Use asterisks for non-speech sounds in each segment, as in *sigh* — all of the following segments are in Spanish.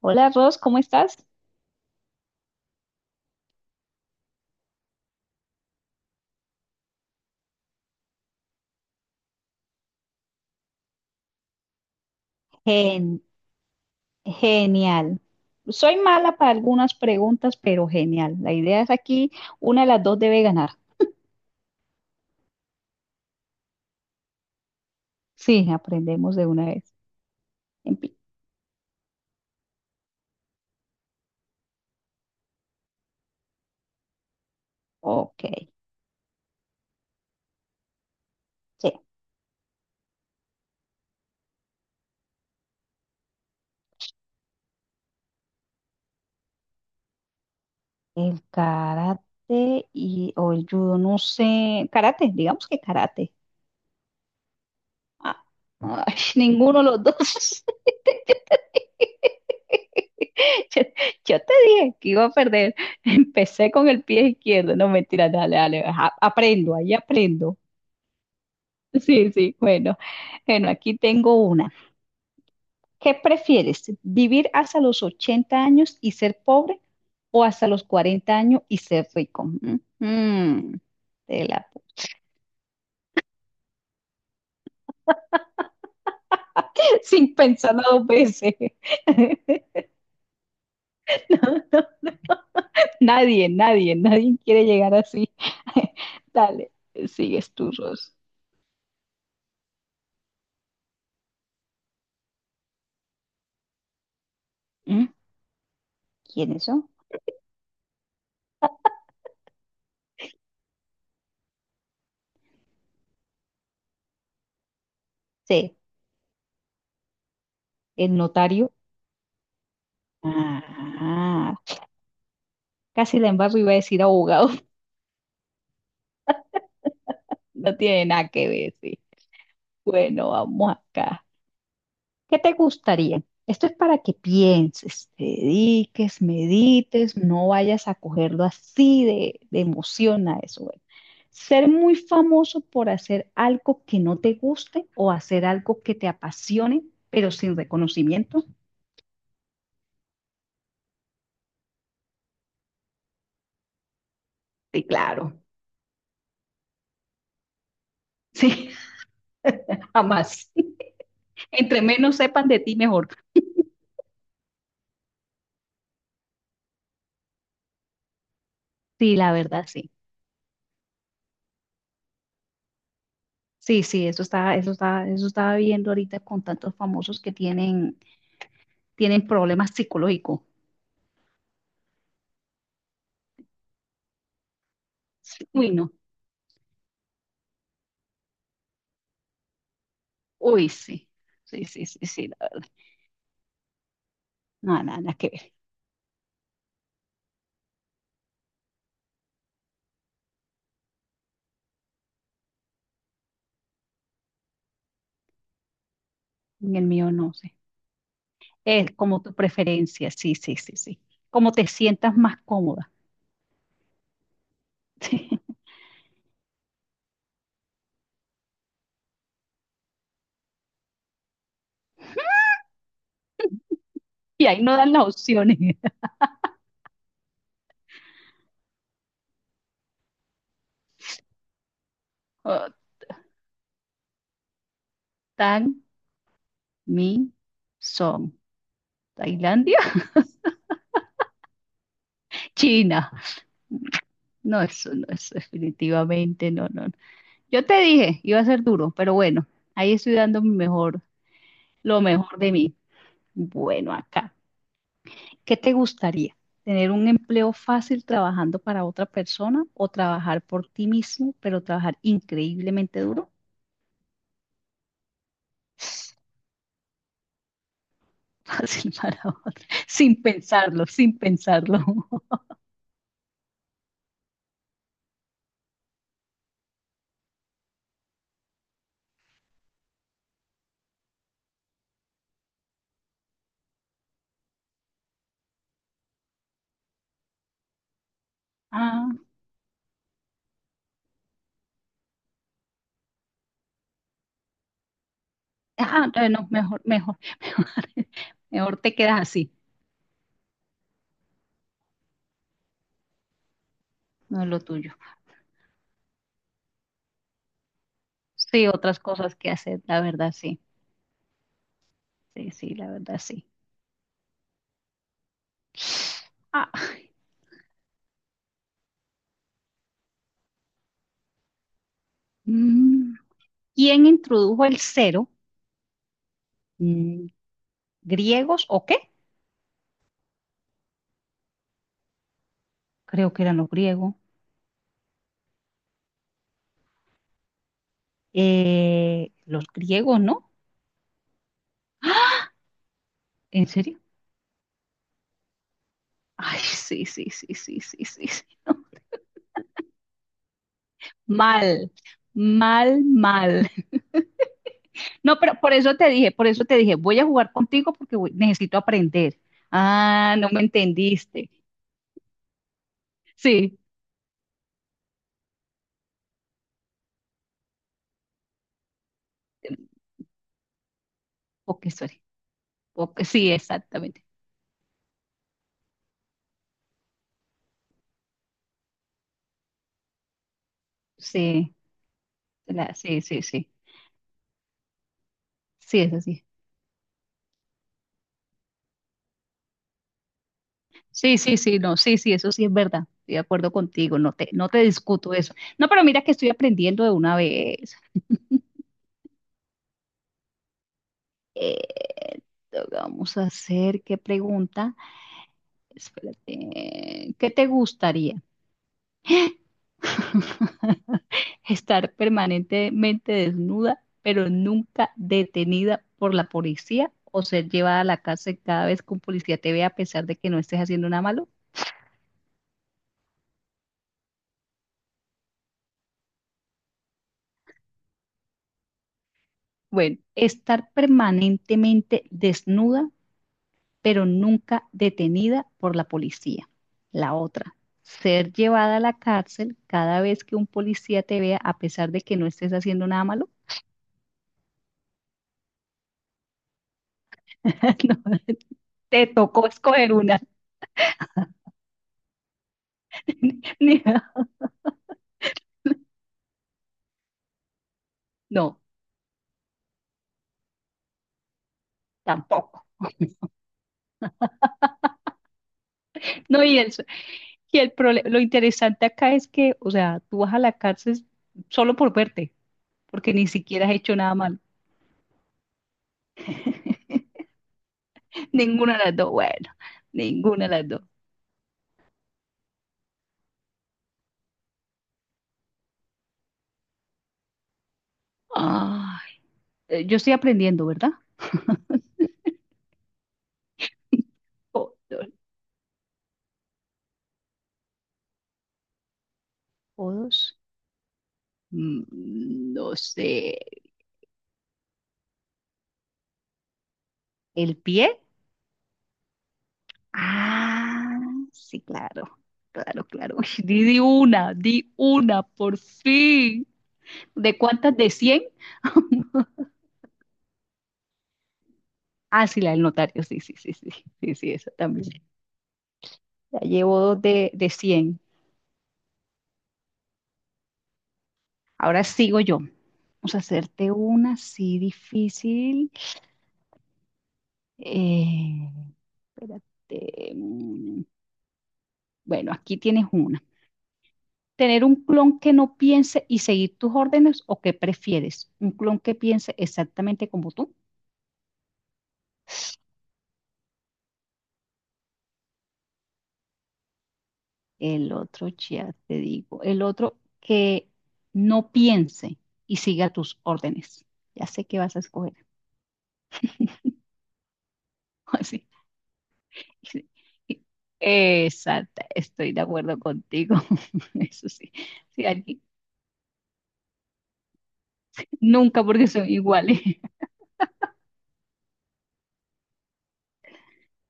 Hola Ros, ¿cómo estás? Gen- genial. Soy mala para algunas preguntas, pero genial. La idea es aquí, una de las dos debe ganar. Sí, aprendemos de una vez. Empie- Ok, sí. El karate y, o el judo, no sé. Karate, digamos que karate. Ah, ay, ninguno de los dos. *laughs* Yo, yo te dije que iba a perder. Empecé con el pie izquierdo. No, mentira, dale, dale. Aprendo, ahí aprendo. Sí, sí, bueno. Bueno, aquí tengo una. ¿Qué prefieres? ¿Vivir hasta los 80 años y ser pobre o hasta los 40 años y ser rico? Te la- *laughs* Sin pensarlo dos veces. *laughs* Nadie, nadie, nadie quiere llegar así. *laughs* Dale, sigues tú, Ros. ¿Mm? ¿Quiénes son? Sí, el notario. Ah, casi la embarro, iba a decir abogado. *laughs* No tiene nada que ver, sí. Bueno, vamos acá. ¿Qué te gustaría? Esto es para que pienses, te dediques, medites, no vayas a cogerlo así de emoción a eso. Bueno. Ser muy famoso por hacer algo que no te guste o hacer algo que te apasione, pero sin reconocimiento. Sí, claro. Sí, *laughs* jamás. Entre menos sepan de ti, mejor. Sí, la verdad, sí. Sí, sí, eso estaba viendo ahorita con tantos famosos que tienen problemas psicológicos. Sí, uy, no. Uy, sí, sí, sí, sí, sí, la verdad. No, nada, nada que ver. En el mío no sé. Es como tu preferencia, sí, sí, sí, sí. Como te sientas más cómoda. *laughs* Y ahí no dan las opciones. *laughs* Oh, tan, mi, son. Tailandia, *laughs* China. No, eso no, eso definitivamente no, no. No. Yo te dije, iba a ser duro, pero bueno, ahí estoy dando mi mejor, lo mejor de mí. Bueno, acá. ¿Qué te gustaría? ¿Tener un empleo fácil trabajando para otra persona o trabajar por ti mismo, pero trabajar increíblemente duro? *laughs* Fácil para otra. Sin pensarlo, sin pensarlo. *laughs* Ah, no, mejor, mejor, *laughs* mejor, mejor te quedas así, no es lo tuyo. Sí, otras cosas que hacer, la verdad, sí. Sí, sí, la verdad, sí. Ah, mm, ¿quién introdujo el cero? Mm, ¿Griegos o qué? Creo que eran los griegos. Los griegos, ¿no? ¿En serio? Ay, sí, sí, sí, sí, sí, sí, sí. *laughs* No. Mal, mal, mal. No, pero por eso te dije, voy a jugar contigo porque necesito aprender. Ah, no me entendiste. Sí, ok, sorry. Ok, sí, exactamente. Sí, sí, sí, sí. Sí, es así. Sí, sí, sí, no, sí, sí, eso sí es verdad. Estoy de acuerdo contigo, no te discuto eso. No, pero mira que estoy aprendiendo de una vez. Eh, vamos a hacer, ¿qué pregunta? Espérate, ¿qué te gustaría? *laughs* ¿Estar permanentemente desnuda, pero nunca detenida por la policía o ser llevada a la cárcel cada vez que un policía te vea a pesar de que no estés haciendo nada malo? Bueno, estar permanentemente desnuda, pero nunca detenida por la policía. La otra, ser llevada a la cárcel cada vez que un policía te vea a pesar de que no estés haciendo nada malo. *laughs* No, te tocó escoger una. *laughs* Ni- No, tampoco. No, y el lo interesante acá es que, o sea, tú vas a la cárcel solo por verte, porque ni siquiera has hecho nada malo. Ninguna de las dos, bueno, ninguna de las dos. Ay, yo estoy aprendiendo, ¿verdad? O, o dos. No sé, ¿el pie? Ah, sí, claro, claro, claro. *laughs* Uy, di una, por fin. ¿De cuántas? ¿De 100? Ah, sí, la del notario, sí, sí, sí, sí, sí, sí, esa también. Ya llevo dos de 100. Ahora sigo yo. Vamos a hacerte una así difícil. Eh, espérate. Bueno, aquí tienes una. ¿Tener un clon que no piense y seguir tus órdenes o qué prefieres? ¿Un clon que piense exactamente como tú? El otro, ya te digo, el otro que no piense y siga tus órdenes. Ya sé que vas a escoger. *laughs* Así. Exacta, estoy de acuerdo contigo. *laughs* Eso sí, sí, nunca porque son iguales. *laughs*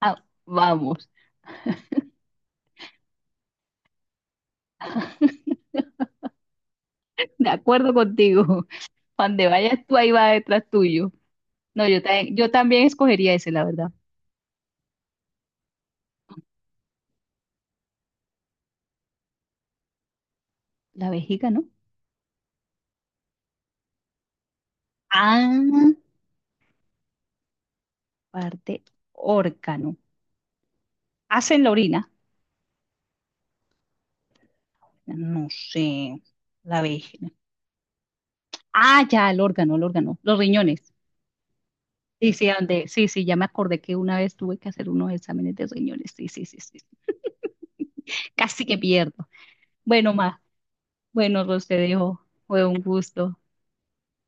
Ah, vamos, de acuerdo contigo. Donde vayas tú, ahí va detrás tuyo. No, yo también escogería ese, la verdad. La vejiga, ¿no? Ah, parte órgano. Hacen la orina. No sé. La vejiga. Ah, ya, el órgano, el órgano. Los riñones. Sí, sí, sí, sí, ya me acordé que una vez tuve que hacer unos exámenes de riñones. Sí, sí, sí, sí. Casi que pierdo. Bueno, bueno, Ros, te dejo. Fue un gusto.